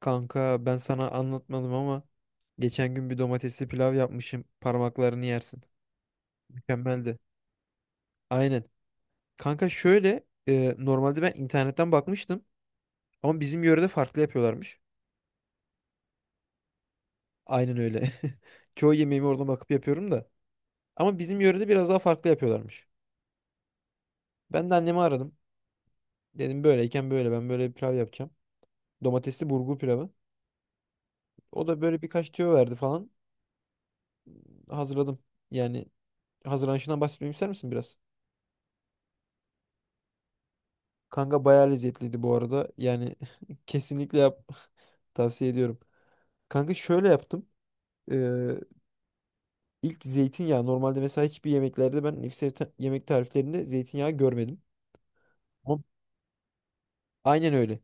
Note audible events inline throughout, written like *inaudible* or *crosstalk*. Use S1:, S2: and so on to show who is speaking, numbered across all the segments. S1: Kanka ben sana anlatmadım ama geçen gün bir domatesli pilav yapmışım. Parmaklarını yersin. Mükemmeldi. Aynen. Kanka şöyle normalde ben internetten bakmıştım ama bizim yörede farklı yapıyorlarmış. Aynen öyle. *laughs* Çoğu yemeğimi oradan bakıp yapıyorum da. Ama bizim yörede biraz daha farklı yapıyorlarmış. Ben de annemi aradım. Dedim böyleyken böyle ben böyle bir pilav yapacağım. Domatesli burgu pilavı. O da böyle birkaç tüyo verdi falan. Hazırladım. Yani hazırlanışından bahsetmemi ister misin biraz? Kanka bayağı lezzetliydi bu arada. Yani *laughs* kesinlikle yap, *laughs* tavsiye ediyorum. Kanka şöyle yaptım. Ee, ilk zeytinyağı, normalde mesela hiçbir yemeklerde ben nefis yemek tariflerinde zeytinyağı görmedim. Ama aynen öyle.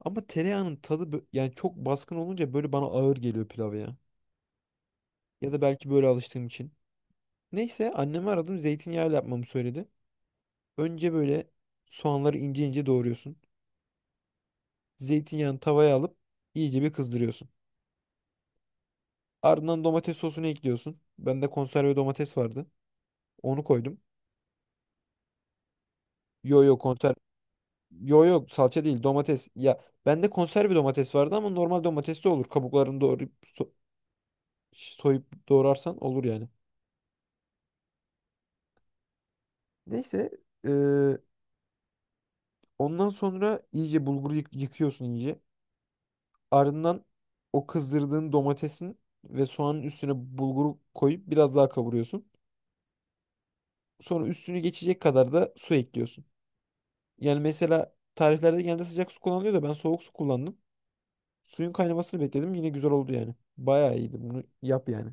S1: Ama tereyağının tadı yani çok baskın olunca böyle bana ağır geliyor pilav ya. Ya da belki böyle alıştığım için. Neyse annemi aradım, zeytinyağıyla yapmamı söyledi. Önce böyle soğanları ince ince doğruyorsun. Zeytinyağını tavaya alıp iyice bir kızdırıyorsun. Ardından domates sosunu ekliyorsun. Bende konserve domates vardı. Onu koydum. Yo yo konser. Yo yo, salça değil, domates. Ya bende konserve domates vardı ama normal domates de olur. Kabuklarını doğrayıp so- soyup doğrarsan olur yani. Neyse, eee, ondan sonra iyice bulguru yıkıyorsun iyice. Ardından o kızdırdığın domatesin ve soğanın üstüne bulguru koyup biraz daha kavuruyorsun. Sonra üstünü geçecek kadar da su ekliyorsun. Yani mesela tariflerde genelde sıcak su kullanılıyor da ben soğuk su kullandım. Suyun kaynamasını bekledim. Yine güzel oldu yani. Bayağı iyiydi. Bunu yap yani.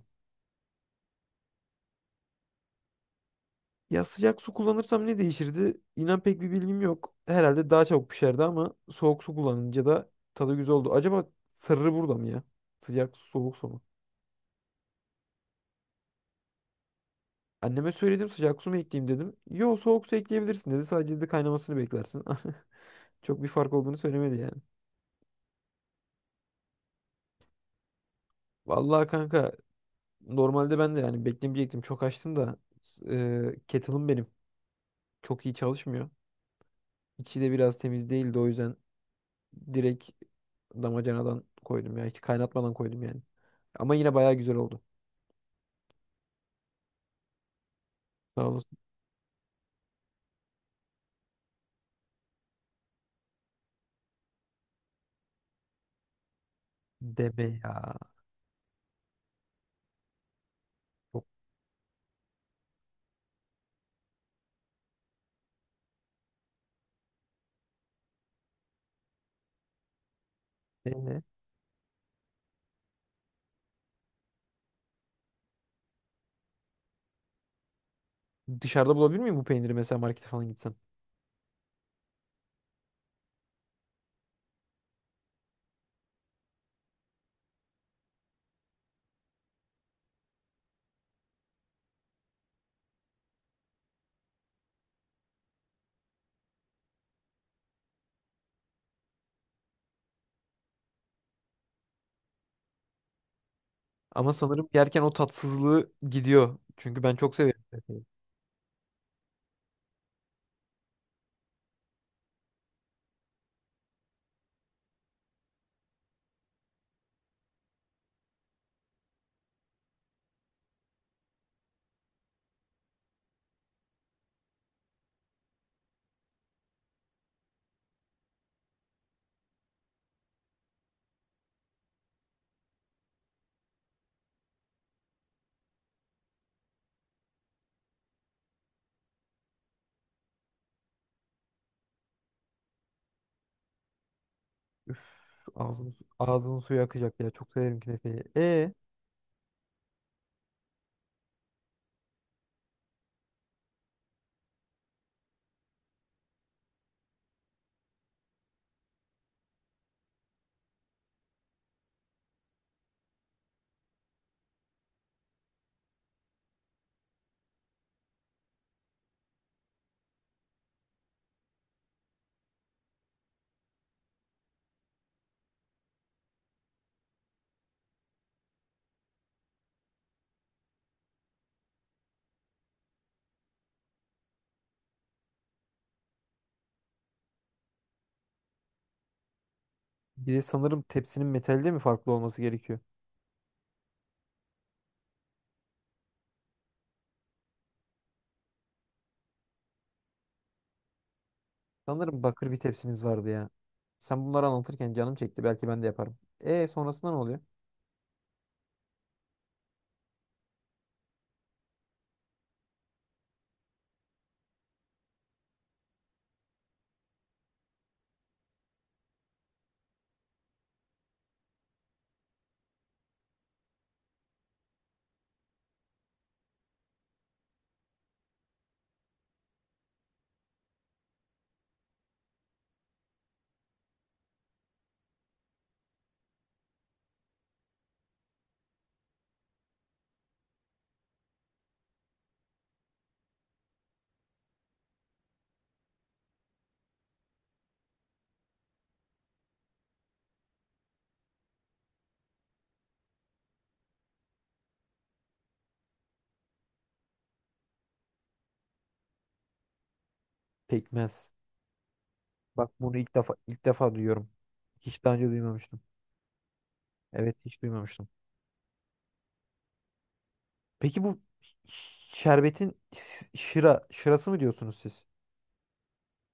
S1: Ya sıcak su kullanırsam ne değişirdi? İnan pek bir bilgim yok. Herhalde daha çabuk pişerdi ama soğuk su kullanınca da tadı güzel oldu. Acaba sırrı burada mı ya? Sıcak su, soğuk su mu? Anneme söyledim, sıcak su mu ekleyeyim dedim. Yo, soğuk su ekleyebilirsin dedi. Sadece dedi kaynamasını beklersin. *laughs* Çok bir fark olduğunu söylemedi yani. Vallahi kanka, normalde ben de yani beklemeyecektim. Çok açtım da kettle'ım benim. Çok iyi çalışmıyor. İçi de biraz temiz değildi, o yüzden direkt damacanadan koydum ya. Hiç kaynatmadan koydum yani. Ama yine bayağı güzel oldu. Sağ olasın. Deme ya. Çok deme. Dışarıda bulabilir miyim bu peyniri, mesela markete falan gitsem? Ama sanırım yerken o tatsızlığı gidiyor. Çünkü ben çok severim künefeyi. Şu ağzımın, ağzımın suyu akacak ya. Çok severim künefeyi. E bir de sanırım tepsinin metalde mi farklı olması gerekiyor? Sanırım bakır bir tepsimiz vardı ya. Sen bunları anlatırken canım çekti. Belki ben de yaparım. E sonrasında ne oluyor? Pekmez. Bak bunu ilk defa ilk defa duyuyorum. Hiç daha önce duymamıştım. Evet, hiç duymamıştım. Peki bu şerbetin şıra şırası mı diyorsunuz siz?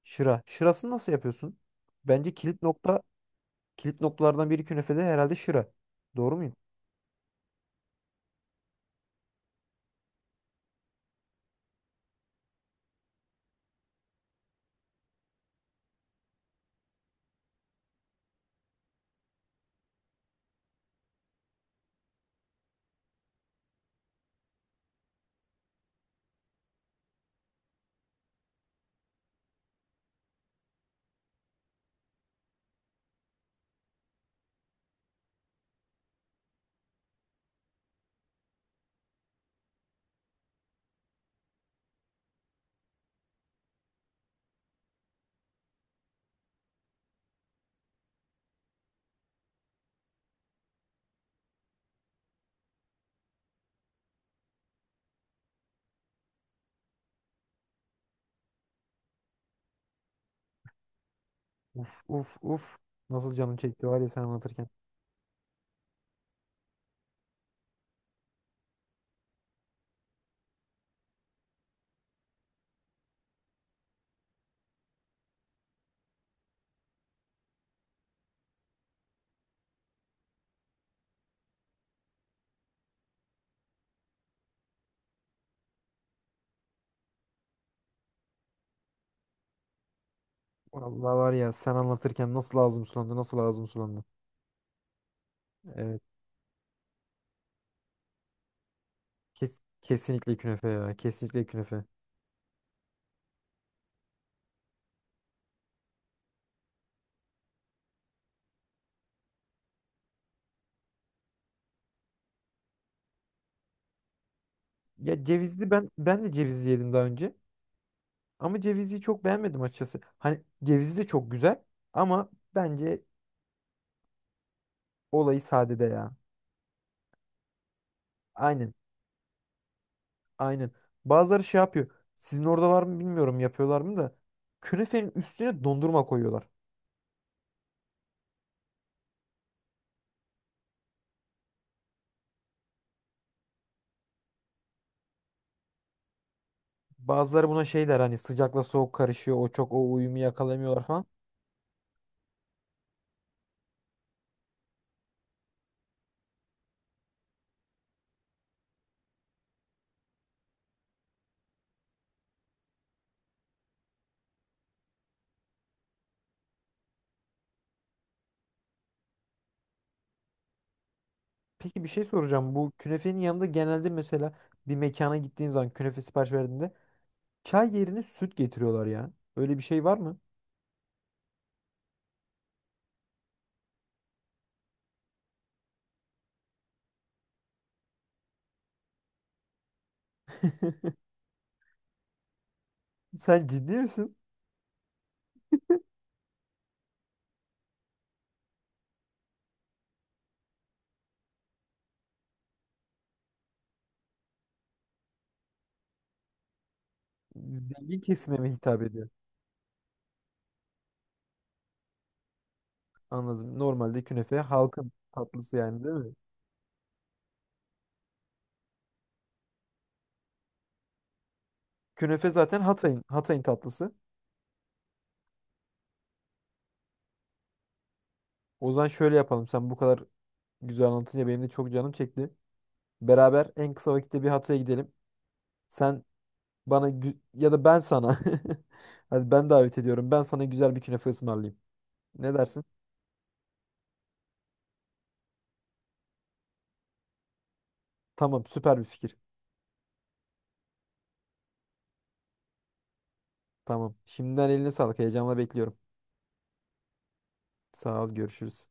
S1: Şıra. Şırasını nasıl yapıyorsun? Bence kilit nokta, kilit noktalardan biri künefede herhalde şıra. Doğru muyum? Uf uf uf. Nasıl canım çekti var ya sen anlatırken. Vallahi var ya sen anlatırken nasıl ağzım sulandı, nasıl ağzım sulandı. Evet. Kesinlikle künefe ya. Kesinlikle künefe. Ya cevizli, ben de cevizli yedim daha önce. Ama cevizi çok beğenmedim açıkçası. Hani cevizli de çok güzel ama bence olayı sadede ya. Aynen. Aynen. Bazıları şey yapıyor. Sizin orada var mı bilmiyorum, yapıyorlar mı da künefenin üstüne dondurma koyuyorlar. Bazıları buna şey der, hani sıcakla soğuk karışıyor. O çok o uyumu yakalamıyorlar falan. Peki bir şey soracağım. Bu künefenin yanında genelde mesela bir mekana gittiğin zaman künefe sipariş verdiğinde çay yerine süt getiriyorlar ya. Öyle bir şey var mı? *laughs* Sen ciddi misin? Zengin kesime mi hitap ediyor? Anladım. Normalde künefe halkın tatlısı yani değil mi? Künefe zaten Hatay'ın, Hatay'ın tatlısı. O zaman şöyle yapalım. Sen bu kadar güzel anlatınca benim de çok canım çekti. Beraber en kısa vakitte bir Hatay'a gidelim. Sen bana ya da ben sana. *laughs* Hadi ben davet ediyorum. Ben sana güzel bir künefe ısmarlayayım. Ne dersin? Tamam, süper bir fikir. Tamam. Şimdiden eline sağlık. Heyecanla bekliyorum. Sağ ol, görüşürüz.